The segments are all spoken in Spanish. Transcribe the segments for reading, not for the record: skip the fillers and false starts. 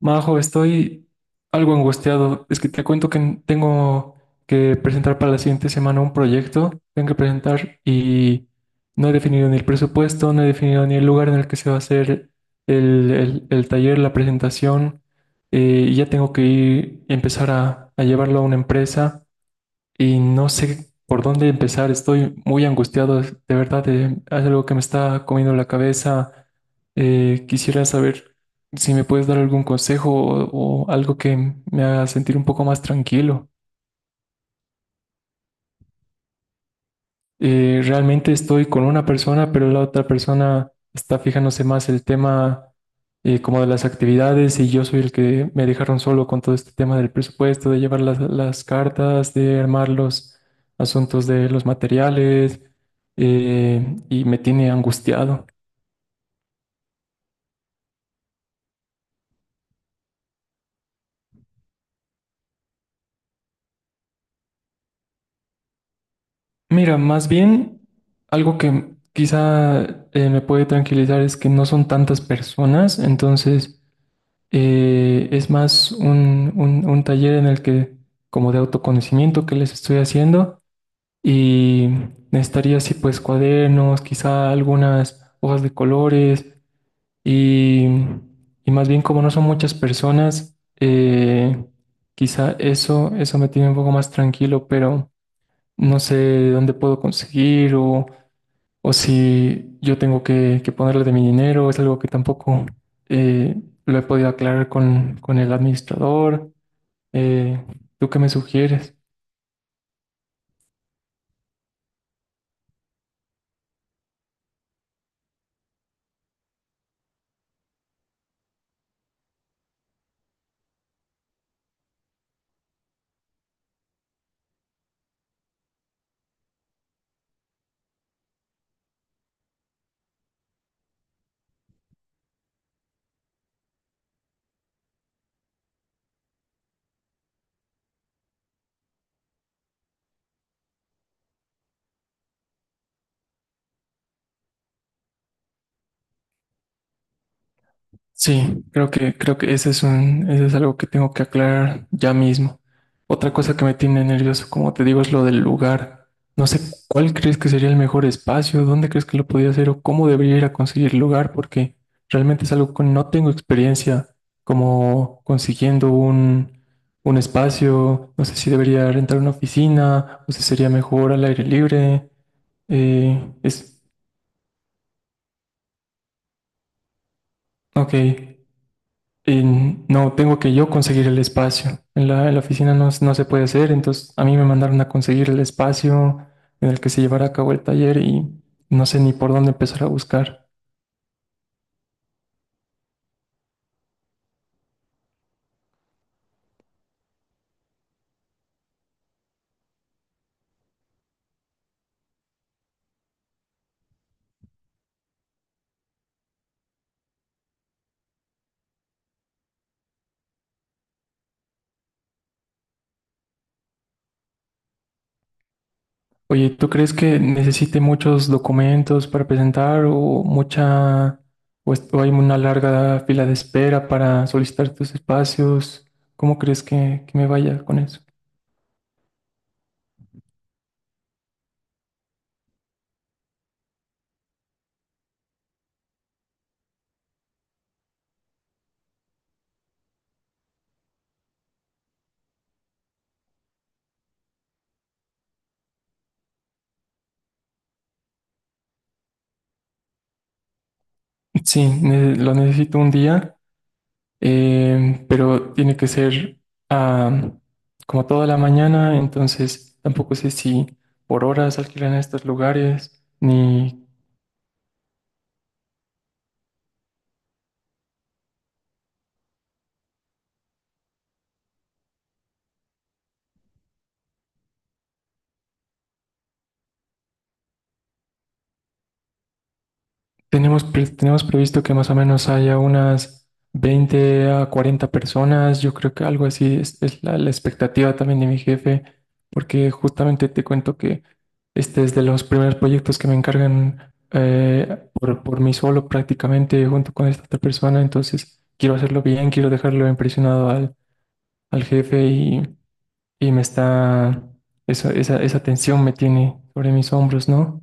Majo, estoy algo angustiado. Es que te cuento que tengo que presentar para la siguiente semana un proyecto. Tengo que presentar y no he definido ni el presupuesto, no he definido ni el lugar en el que se va a hacer el taller, la presentación. Y ya tengo que ir, empezar a llevarlo a una empresa y no sé por dónde empezar. Estoy muy angustiado, de verdad, hay algo que me está comiendo la cabeza. Quisiera saber si me puedes dar algún consejo o algo que me haga sentir un poco más tranquilo. Realmente estoy con una persona, pero la otra persona está fijándose más el tema como de las actividades, y yo soy el que me dejaron solo con todo este tema del presupuesto, de llevar las cartas, de armar los asuntos de los materiales, y me tiene angustiado. Mira, más bien algo que quizá me puede tranquilizar es que no son tantas personas, entonces... es más un taller en el que, como de autoconocimiento que les estoy haciendo, y necesitaría así pues cuadernos, quizá algunas hojas de colores, y, y más bien, como no son muchas personas, quizá eso, eso me tiene un poco más tranquilo, pero no sé dónde puedo conseguir o si yo tengo que ponerle de mi dinero, es algo que tampoco eh, lo he podido aclarar con el administrador. Eh, ¿tú qué me sugieres? Sí, creo que ese es un, ese es algo que tengo que aclarar ya mismo. Otra cosa que me tiene nervioso, como te digo, es lo del lugar. No sé cuál crees que sería el mejor espacio, dónde crees que lo podría hacer o cómo debería ir a conseguir lugar, porque realmente es algo que no tengo experiencia como consiguiendo un espacio. No sé si debería rentar una oficina o si sería mejor al aire libre. Eh, es, ok. Y no, tengo que yo conseguir el espacio. En la oficina no, no se puede hacer, entonces a mí me mandaron a conseguir el espacio en el que se llevara a cabo el taller y no sé ni por dónde empezar a buscar. Oye, ¿tú crees que necesite muchos documentos para presentar o mucha, o hay una larga fila de espera para solicitar tus espacios? ¿Cómo crees que me vaya con eso? Sí, lo necesito un día. Pero tiene que ser ah, como toda la mañana, entonces tampoco sé si por horas alquilan estos lugares, ni tenemos, tenemos previsto que más o menos haya unas 20 a 40 personas. Yo creo que algo así es la expectativa también de mi jefe, porque justamente te cuento que este es de los primeros proyectos que me encargan, por mí solo prácticamente junto con esta otra persona. Entonces quiero hacerlo bien, quiero dejarlo impresionado al, al jefe y me está, esa tensión me tiene sobre mis hombros, ¿no?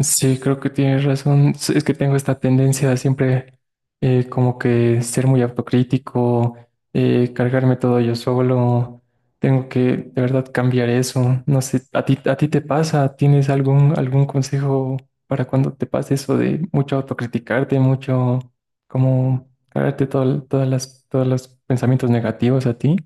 Sí, creo que tienes razón. S- Es que tengo esta tendencia a siempre como que ser muy autocrítico, cargarme todo yo solo. Tengo que de verdad cambiar eso. No sé, a ti te pasa? ¿Tienes algún, algún consejo para cuando te pase eso de mucho autocriticarte, mucho como cargarte todo, todas las, todos los pensamientos negativos a ti?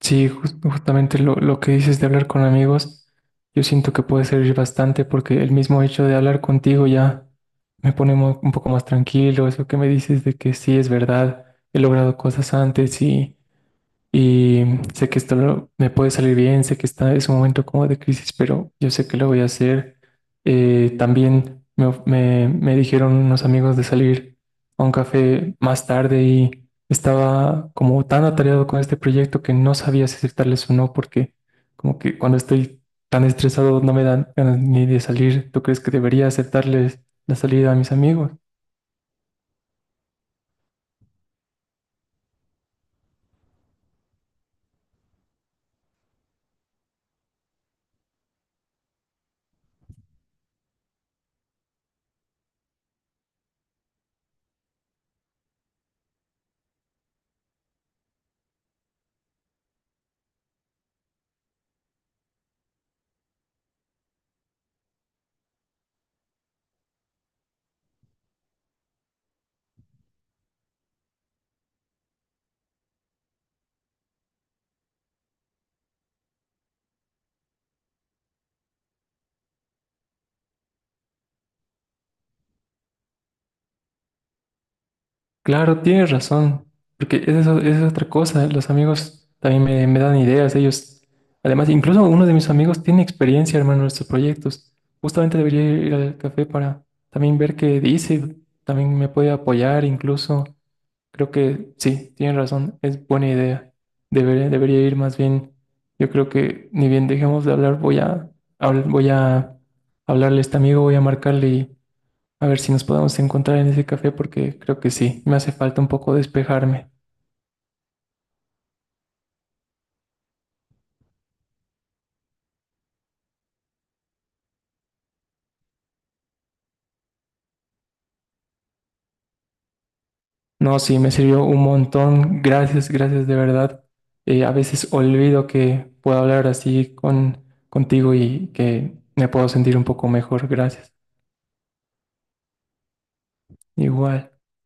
Sí, justamente lo que dices de hablar con amigos, yo siento que puede servir bastante porque el mismo hecho de hablar contigo ya me pone un poco más tranquilo. Eso que me dices de que sí es verdad, he logrado cosas antes y... Y sé que esto me puede salir bien, sé que está, es un momento como de crisis, pero yo sé que lo voy a hacer. También me, me dijeron unos amigos de salir a un café más tarde, y estaba como tan atareado con este proyecto que no sabía si aceptarles o no, porque como que cuando estoy tan estresado no me dan ganas ni de salir. ¿Tú crees que debería aceptarles la salida a mis amigos? Claro, tienes razón, porque es eso, es otra cosa, ¿eh? Los amigos también me dan ideas, ellos. Además, incluso uno de mis amigos tiene experiencia, hermano, en estos proyectos. Justamente debería ir al café para también ver qué dice, también me puede apoyar, incluso. Creo que sí, tienes razón, es buena idea. Debería, debería ir más bien. Yo creo que ni bien dejemos de hablar, voy a, voy a hablarle a este amigo, voy a marcarle a ver si nos podemos encontrar en ese café, porque creo que sí, me hace falta un poco despejarme. No, sí, me sirvió un montón. Gracias, gracias de verdad. A veces olvido que puedo hablar así contigo y que me puedo sentir un poco mejor. Gracias. Igual.